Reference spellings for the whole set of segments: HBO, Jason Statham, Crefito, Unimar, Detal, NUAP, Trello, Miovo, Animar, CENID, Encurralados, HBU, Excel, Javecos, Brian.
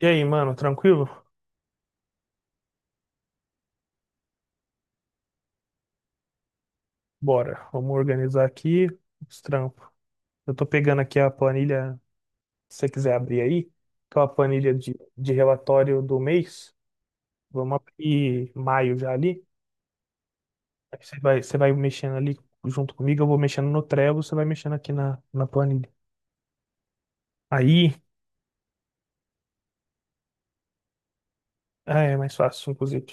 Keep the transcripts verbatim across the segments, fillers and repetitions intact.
E aí, mano, tranquilo? Bora, vamos organizar aqui os trampos. Eu tô pegando aqui a planilha, se você quiser abrir aí, que é uma planilha de, de relatório do mês. Vamos abrir maio já ali. Aí você vai, você vai mexendo ali junto comigo, eu vou mexendo no Trello, você vai mexendo aqui na, na planilha. Aí, ah, é mais fácil, inclusive.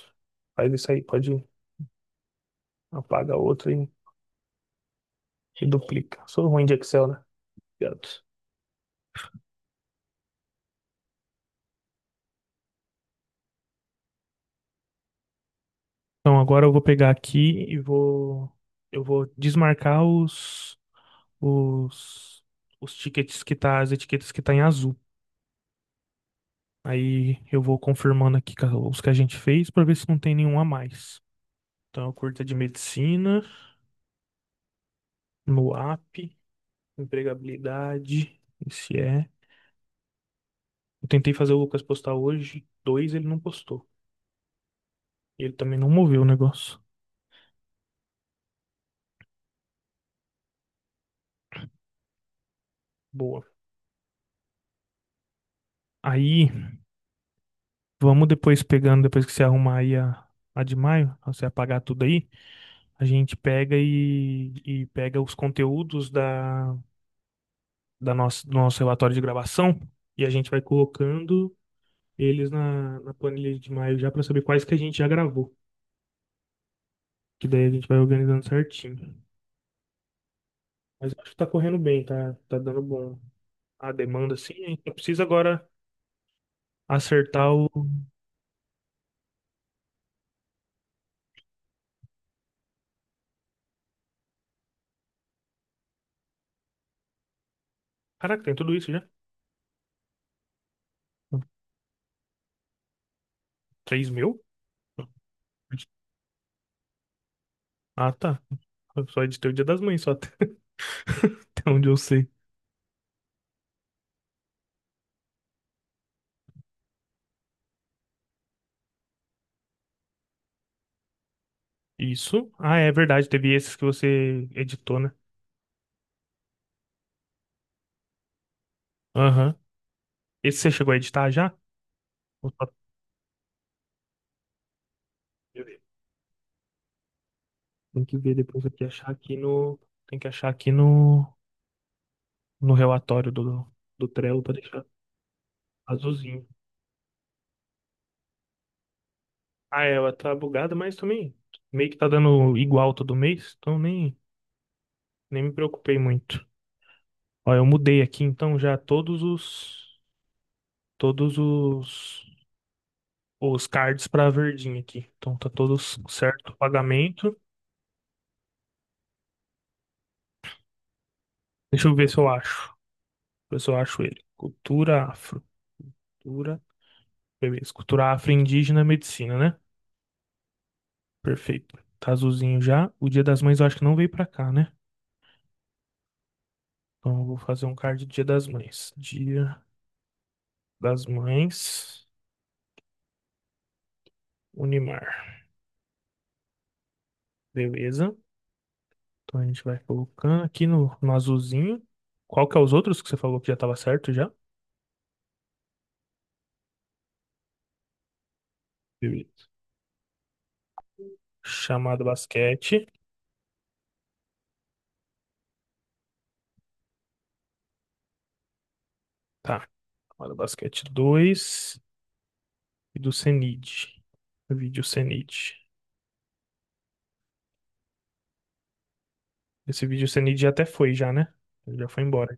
Faz isso aí, pode apagar outro e, e duplica. Sou ruim de Excel, né? Obrigado. Então agora eu vou pegar aqui e vou eu vou desmarcar os os os tickets que tá, as etiquetas que tá em azul. Aí eu vou confirmando aqui ca- os que a gente fez para ver se não tem nenhum a mais. Então, a curta de medicina, no app, empregabilidade, esse é. Eu tentei fazer o Lucas postar hoje, dois ele não postou. Ele também não moveu o negócio. Boa. Aí, vamos depois pegando, depois que você arrumar aí a, a de maio, você apagar tudo aí. A gente pega e, e pega os conteúdos da, da nossa, do nosso relatório de gravação e a gente vai colocando eles na, na planilha de maio já para saber quais que a gente já gravou. Que daí a gente vai organizando certinho. Mas eu acho que tá correndo bem, tá, tá dando bom a demanda, assim. A gente só precisa agora acertar o. Caraca, tem tudo isso já? Três mil? Ah, tá. Eu só editei o Dia das Mães, só até até onde eu sei. Isso? Ah, é verdade, teve esses que você editou, né? Aham. Esse você chegou a editar já? Ou só- Tem que ver depois aqui, achar aqui no. Tem que achar aqui no, no relatório do, do Trello pra deixar azulzinho. Ah, ela tá bugada, mas também meio que tá dando igual todo mês, então nem, nem me preocupei muito. Ó, eu mudei aqui então já todos os todos os os cards pra verdinho aqui. Então tá todos certo o pagamento. Deixa eu ver se eu acho. Ver se eu acho ele. Cultura afro. Cultura Beleza. Cultura afro-indígena, medicina, né? Perfeito. Tá azulzinho já. O Dia das Mães eu acho que não veio pra cá, né? Então eu vou fazer um card do Dia das Mães. Dia das Mães, Unimar. Beleza. Então a gente vai colocando aqui no, no azulzinho. Qual que é os outros que você falou que já tava certo já? Beleza. Chamada basquete. Tá. Chamada basquete dois e do CENID. Vídeo CENID. Esse vídeo CENID já até foi já, né? Ele já foi embora.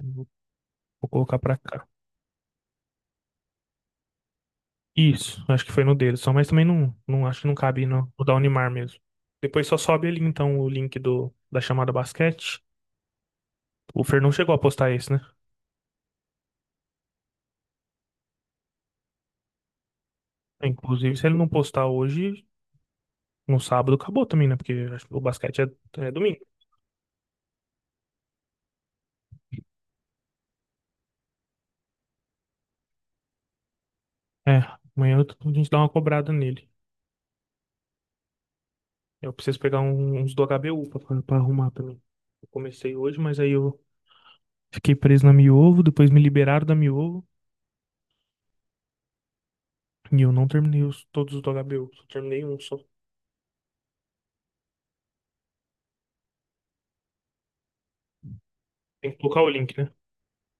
Vou vou colocar pra cá. Isso, acho que foi no dedo só, mas também não, não acho que não cabe no, no da Unimar mesmo. Depois só sobe ali então o link do, da chamada basquete. O Fer não chegou a postar esse, né? É, inclusive, se ele não postar hoje, no sábado acabou também, né? Porque acho que o basquete é, é domingo. É, amanhã eu- a gente dá uma cobrada nele. Eu preciso pegar um- uns do H B U pra, pra pra arrumar também. Eu comecei hoje, mas aí eu fiquei preso na Miovo, depois me liberaram da Miovo e eu não terminei os, todos os do H B U, só terminei um só. Tem que colocar o link, né?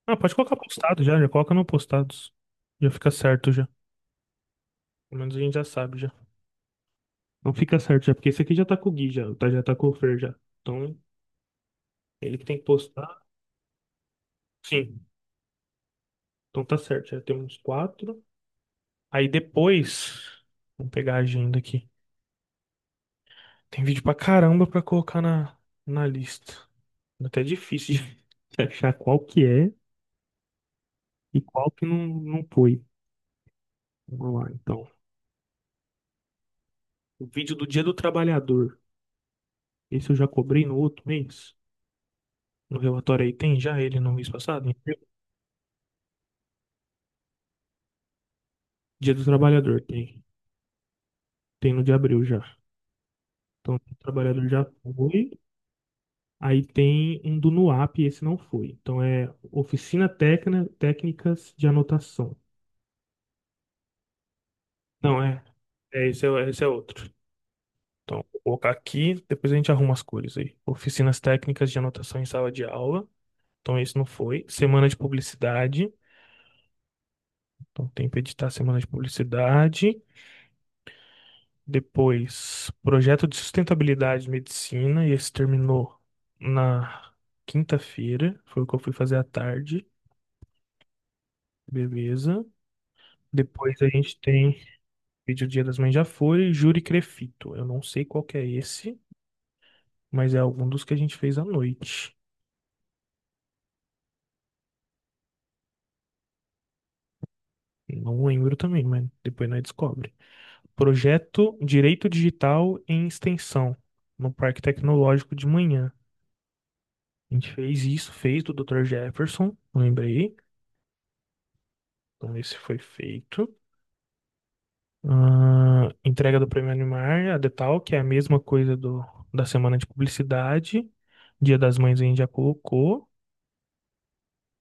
Ah, pode colocar postado já, já coloca no postados. Já fica certo já. Pelo menos a gente já sabe já. Não fica certo já, porque esse aqui já tá com o Gui já, tá, já tá com o Fer já. Então, ele que tem que postar. Sim, então tá certo, já tem uns quatro. Aí depois, vamos pegar a agenda aqui. Tem vídeo pra caramba pra colocar na, na lista. Tá até difícil de de achar qual que é e qual que não, não foi. Vamos lá, então. O vídeo do Dia do Trabalhador. Esse eu já cobrei no outro mês. No relatório aí tem já ele no mês passado? Em abril? Dia do Trabalhador tem. Tem no de abril já. Então, o trabalhador já foi. Aí tem um do NUAP, esse não foi. Então, é Oficina técnica Técnicas de Anotação. Não, é. É, esse é, esse é outro. Então, vou colocar aqui, depois a gente arruma as cores aí. Oficinas Técnicas de Anotação em Sala de Aula. Então, esse não foi. Semana de Publicidade. Então, tem para editar Semana de Publicidade. Depois, projeto de sustentabilidade e medicina, e esse terminou na quinta-feira, foi o que eu fui fazer à tarde, beleza. Depois a gente tem vídeo Dia das Mães já foi, júri Crefito. Eu não sei qual que é esse, mas é algum dos que a gente fez à noite. Não lembro também, mas depois nós descobre. Projeto Direito Digital em Extensão, no Parque Tecnológico de manhã. A gente fez isso, fez do doutor Jefferson, lembrei. Então esse foi feito. Ah, entrega do Prêmio Animar, a Detal, que é a mesma coisa do, da semana de publicidade. Dia das Mães a gente já colocou.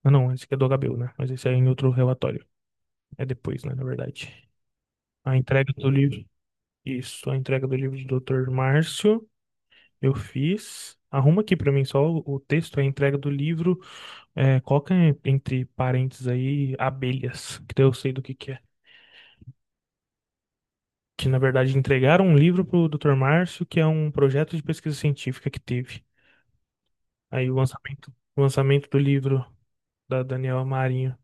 Ah, não, esse aqui é do H B O, né? Mas esse é em outro relatório. É depois, né, na verdade. A entrega do livro. Isso, a entrega do livro do doutor Márcio, eu fiz. Arruma aqui pra mim só o, o texto, a entrega do livro. É, coloca em- entre parênteses aí abelhas, que daí eu sei do que que é que na verdade entregaram um livro pro o doutor Márcio, que é um projeto de pesquisa científica que teve. Aí o lançamento, o lançamento do livro da Daniela Marinho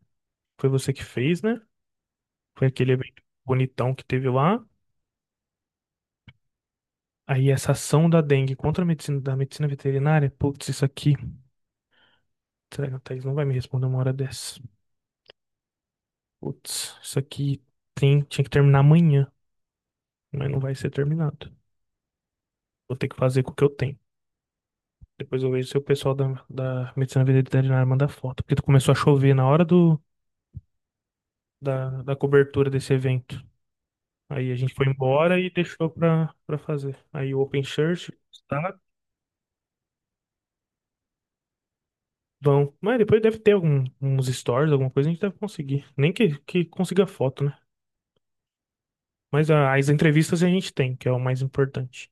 foi você que fez, né? Foi aquele evento bonitão que teve lá. Aí essa ação da dengue contra a medicina, da medicina veterinária, putz, isso aqui. Será que a Thaís não vai me responder uma hora dessa? Putz, isso aqui tem, tinha que terminar amanhã, mas não vai ser terminado. Vou ter que fazer com o que eu tenho. Depois eu vejo se o pessoal da, da medicina veterinária manda foto, porque começou a chover na hora do, da, da cobertura desse evento. Aí a gente foi embora e deixou pra, pra fazer. Aí o Open Shirt, tá? Vão. Mas depois deve ter algum, uns stories, alguma coisa, a gente deve conseguir. Nem que, que consiga foto, né? Mas a- as entrevistas a gente tem, que é o mais importante.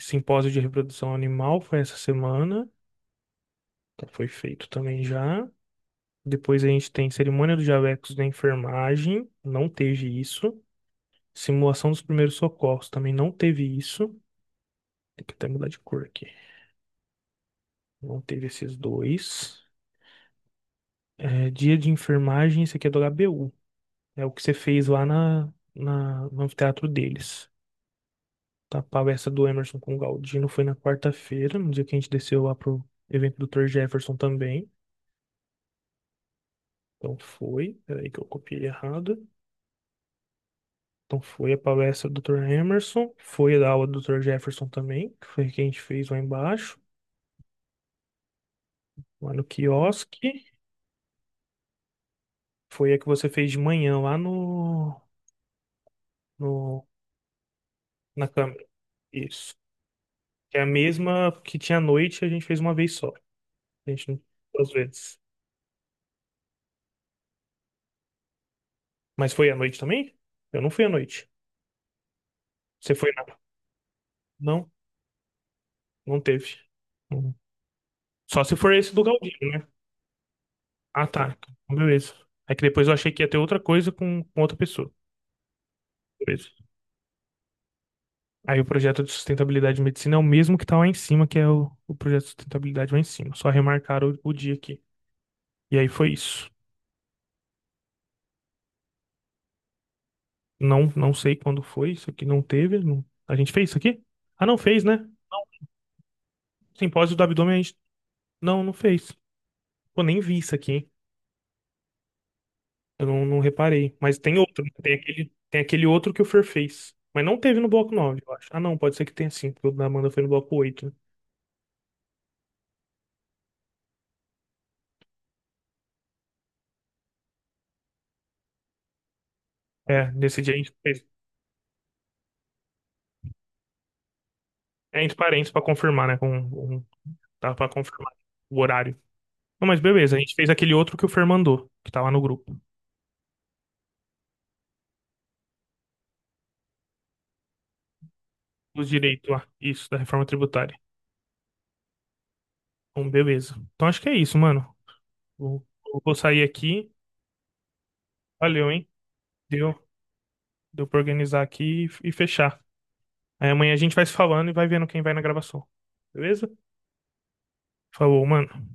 Simpósio de reprodução animal foi essa semana. Então foi feito também já. Depois a gente tem cerimônia do Javecos da enfermagem. Não teve isso. Simulação dos primeiros socorros também não teve isso. Tem que até mudar de cor aqui. Não teve esses dois. É, dia de enfermagem, isso aqui é do H B U. É o que você fez lá na, na- no anfiteatro deles. Tá, a palestra do Emerson com o Galdino foi na quarta-feira, no dia que a gente desceu lá pro evento do doutor Jefferson também. Então foi, peraí que eu copiei errado. Então foi a palestra do doutor Emerson, foi a da aula do doutor Jefferson também, que foi a que a gente fez lá embaixo, lá no quiosque. Foi a que você fez de manhã lá no, no, na câmera. Isso. Que é a mesma que tinha à noite, a gente fez uma vez só. A gente não duas vezes. Mas foi à noite também? Eu não fui à noite. Você foi na. Não, não teve. Uhum. Só se for esse do Galdino, né? Ah, tá. Então, beleza. É que depois eu achei que ia ter outra coisa com, com outra pessoa. Beleza. Aí o projeto de sustentabilidade e medicina é o mesmo que tá lá em cima, que é o, o projeto de sustentabilidade lá em cima. Só remarcaram o, o dia aqui. E aí foi isso. Não, não sei quando foi, isso aqui não teve. não- A gente fez isso aqui? Ah, não fez, né? Simpósio do abdômen. Não, não fez. Pô, nem vi isso aqui, hein? Eu não, não reparei. Mas tem outro, né? Tem aquele, tem aquele outro que o Fer fez. Mas não teve no bloco nove, eu acho. Ah, não, pode ser que tenha sim, porque o da Amanda foi no bloco oito, né? É, nesse dia a gente fez. É entre parênteses pra confirmar, né? Com, com, tá pra confirmar o horário. Não, mas beleza, a gente fez aquele outro que o Fer mandou, que tá lá no grupo. Os direitos lá, isso, da reforma tributária. Então, beleza. Então acho que é isso, mano. Vou, vou sair aqui. Valeu, hein? Deu, deu pra organizar aqui e e fechar. Aí amanhã a gente vai se falando e vai vendo quem vai na gravação. Beleza? Falou, mano.